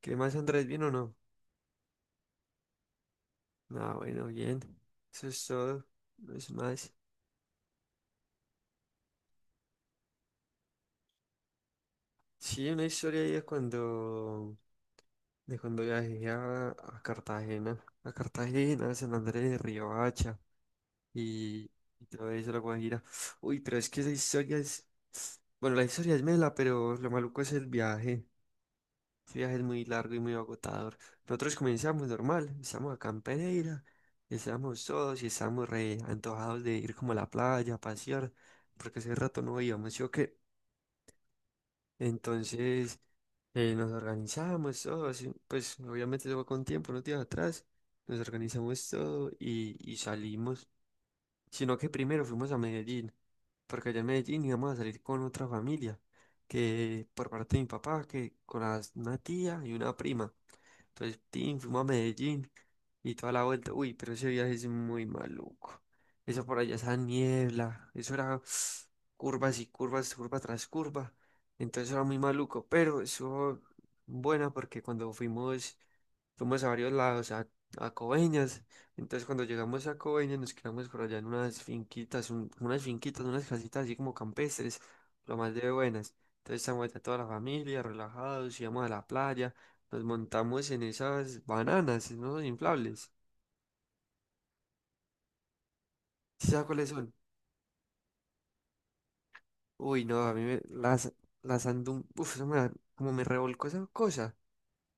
¿Qué más, Andrés? ¿Bien o no? Ah, bueno, bien. Eso es todo. No es más. Sí, una historia ahí de cuando viajé a Cartagena, a Cartagena, San Andrés de Riohacha y, y todo eso, la Guajira. Uy, pero es que esa historia es. Bueno, la historia es mela, pero lo maluco es el viaje. Este viaje es muy largo y muy agotador. Nosotros comenzamos normal, estamos acá en Pereira, estamos todos y estamos re antojados de ir como a la playa, a pasear, porque hace rato no íbamos, ¿sí o qué? Entonces nos organizamos todos, y, pues obviamente eso fue con tiempo, unos días atrás, nos organizamos todo y salimos, sino que primero fuimos a Medellín, porque allá en Medellín íbamos a salir con otra familia, que por parte de mi papá, que con una tía y una prima. Entonces, tin, fuimos a Medellín y toda la vuelta. Uy, pero ese viaje es muy maluco. Eso por allá, esa niebla, eso era curvas y curvas, curva tras curva. Entonces era muy maluco, pero eso bueno porque cuando fuimos, fuimos a varios lados, a Coveñas. Entonces cuando llegamos a Coveñas nos quedamos por allá en unas finquitas, unas finquitas, unas casitas así como campestres, lo más de buenas. Entonces estamos allá toda la familia, relajados, íbamos a la playa. Nos montamos en esas bananas, ¿no? Inflables. ¿Sí sabes cuáles son? Uy, no, a mí me, las ando... Uf, eso como me revolcó esa cosa.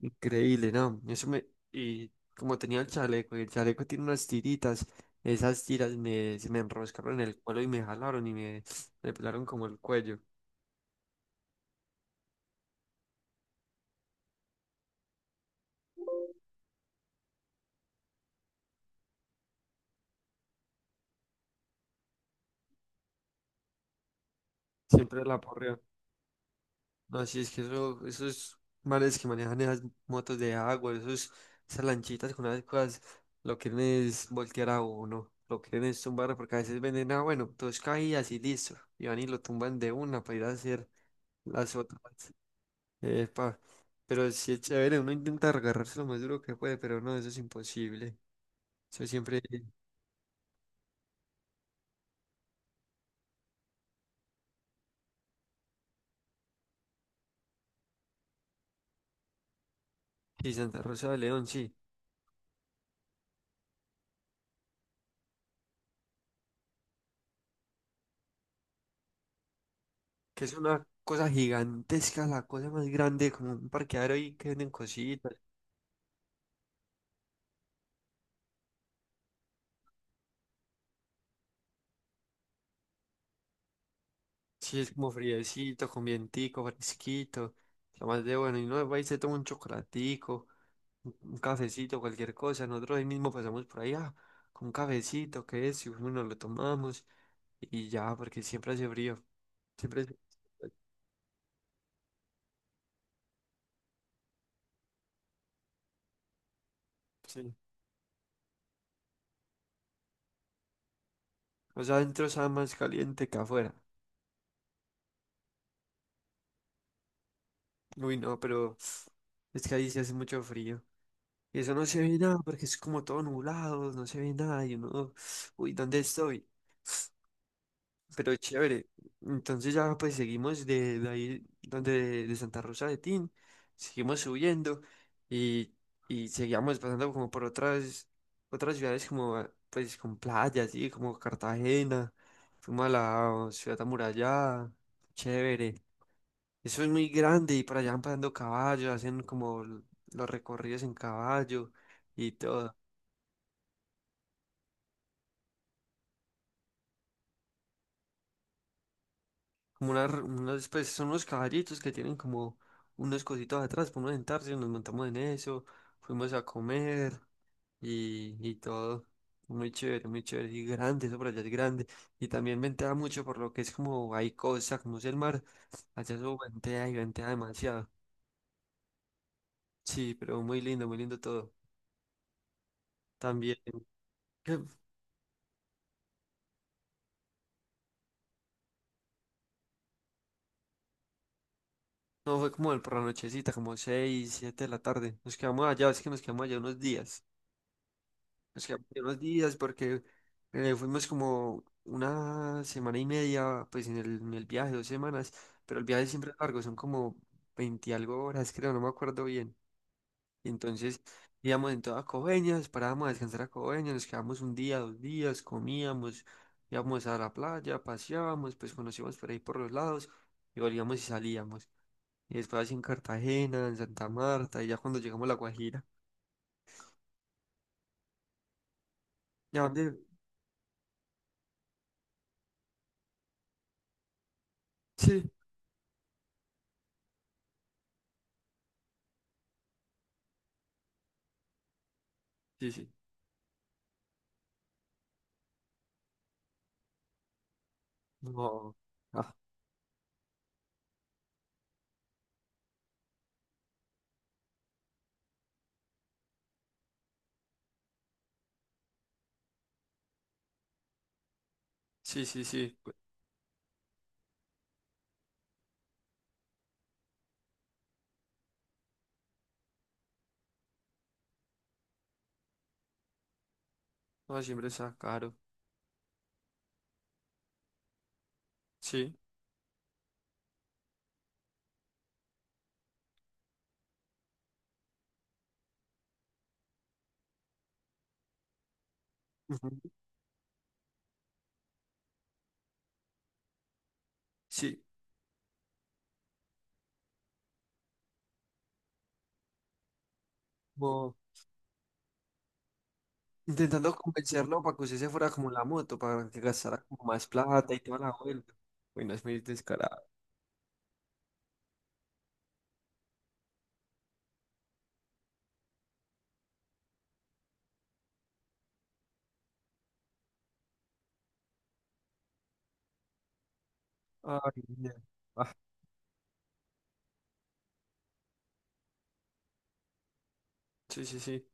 Increíble, ¿no? Eso me... Y como tenía el chaleco, y el chaleco tiene unas tiritas, esas tiras se me enroscaron en el cuello y me jalaron y me pelaron como el cuello. Siempre la porreo. No, sí, es que eso, esos mares que manejan esas motos de agua, esas lanchitas con esas cosas, lo quieren es voltear a uno, lo quieren es tumbar, porque a veces venden, ah, bueno, dos caídas y listo, y van y lo tumban de una para ir a hacer las otras. Epa, pero sí es chévere, uno intenta agarrarse lo más duro que puede, pero no, eso es imposible. Eso siempre, sí, Santa Rosa de León, sí, que es una cosa gigantesca, la cosa más grande, como un parqueadero ahí que venden cositas. Sí, es como friecito, con vientico, fresquito. Lo más de bueno. Y no va y se toma un chocolatico, un cafecito, cualquier cosa. Nosotros ahí mismo pasamos por ahí, ah, con un cafecito, que es, y uno nos lo tomamos y ya, porque siempre hace frío. Siempre hace- Sí. O sea, adentro está más caliente que afuera. Uy, no, pero es que ahí se hace mucho frío. Y eso no se ve nada porque es como todo nublado, no se ve nada. Y uno, uy, ¿dónde estoy? Pero chévere. Entonces ya pues seguimos de ahí donde de Santa Rosa de Tin, seguimos subiendo y, y seguíamos pasando como por otras otras ciudades como ah, pues con playas, sí, como Cartagena, fuimos a la oh, ciudad amurallada, chévere. Eso es muy grande y por allá van pasando caballos, hacen como los recorridos en caballo y todo. Como una, pues son unos caballitos que tienen como unos cositos atrás para uno sentarse, nos montamos en eso, fuimos a comer y todo. Muy chévere, y grande, eso por allá es grande. Y también ventea mucho por lo que es como hay cosas, como es el mar. Allá eso ventea y ventea demasiado. Sí, pero muy lindo todo. También, que no fue como el por la nochecita, como seis, siete de la tarde. Nos quedamos allá, es que nos quedamos allá unos días. Nos quedamos ahí unos días porque fuimos como una semana y media, pues en el viaje, dos semanas, pero el viaje siempre es largo, son como 20 y algo horas, creo, no me acuerdo bien. Y entonces íbamos en toda Coveñas, nos parábamos a descansar a Coveñas, nos quedamos un día, dos días, comíamos, íbamos a la playa, paseábamos, pues conocíamos por ahí por los lados y volvíamos y salíamos. Y después así en Cartagena, en Santa Marta, y ya cuando llegamos a La Guajira. ¿Ya dónde? Sí, sí, sí. No. Sí, sí, sí. Cu- No, siempre está caro. Sí, ujú. Sí. Como intentando convencerlo para que usted se fuera como en la moto, para que gastara como más plata y toda la vuelta. Bueno, es muy descarado. Ay, mira. Ah, sí, sí, sí.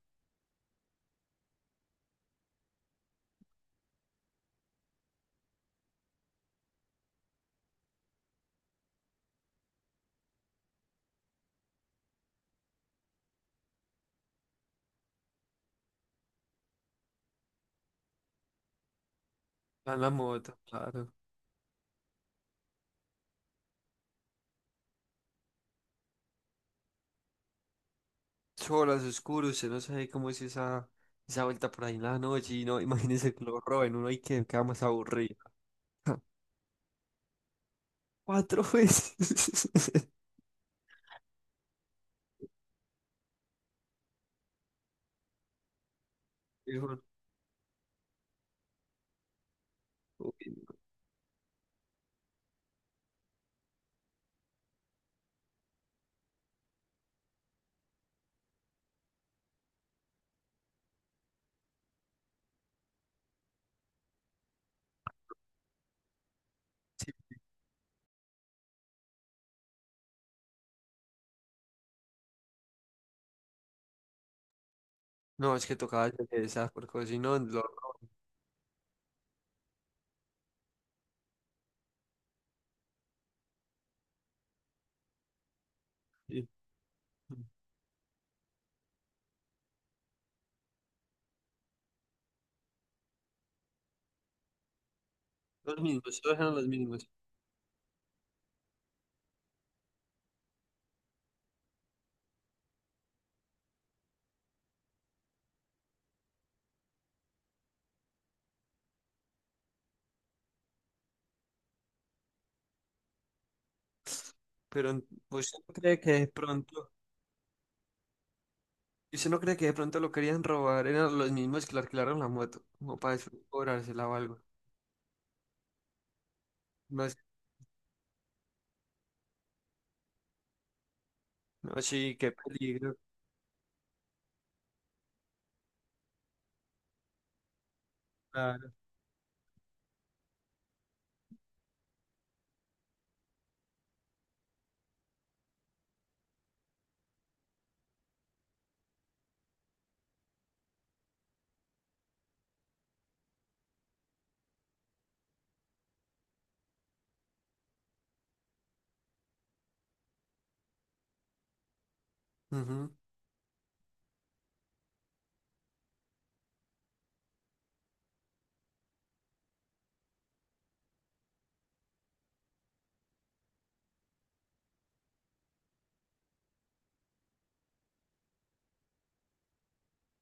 En la moto, claro. Solas, oscuro, usted no sabe cómo es esa, esa vuelta por ahí en la noche. Y no, imagínese que lo roben uno y que queda más aburrido. Ja, cuatro veces. Dijo, "Uy, sí". No, es que tocaba hacer esas, porque si no, lo... Sí. Los mismos, todos eran los mismos. Pero en- usted no cree que de pronto, usted no cree que de pronto lo querían robar, eran los mismos que le alquilaron la moto, como para después cobrársela o algo. No, sé, no, sí, qué peligro, claro. Ujú,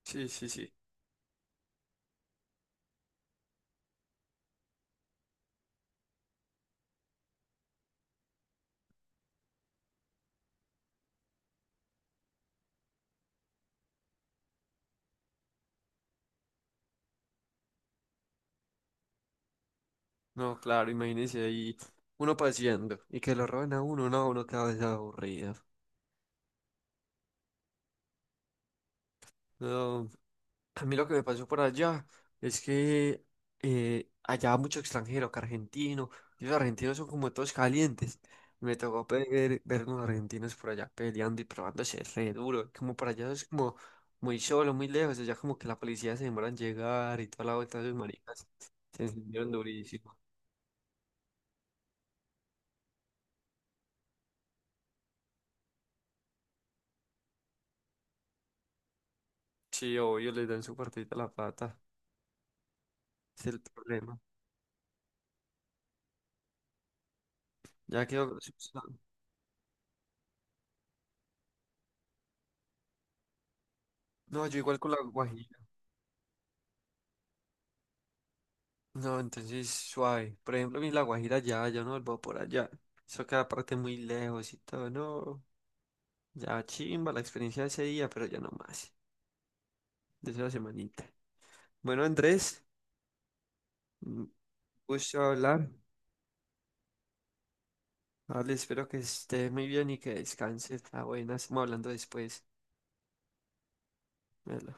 sí, sí, sí. No, claro, imagínese ahí uno paseando y que lo roben a uno, no, uno cada vez aburrido. No, a mí lo que me pasó por allá es que allá mucho extranjero, que argentino, y los argentinos son como todos calientes. Me tocó ver unos argentinos por allá peleando y probándose re duro, como para allá es como muy solo, muy lejos, allá como que la policía se demora en llegar y toda la vuelta de maricas se encendieron durísimo. Sí, obvio, les dan su partidita a la pata, es el problema. Ya quedó... No, yo igual con la guajira. No, entonces suave. Por ejemplo, mi La Guajira ya, yo no vuelvo por allá. Eso queda aparte muy lejos y todo, no. Ya chimba la experiencia de ese día, pero ya no más. De esa semanita. Bueno, Andrés, un gusto hablar. Vale, espero que estés muy bien y que descanses. Ah, buena, estamos hablando después. Hola.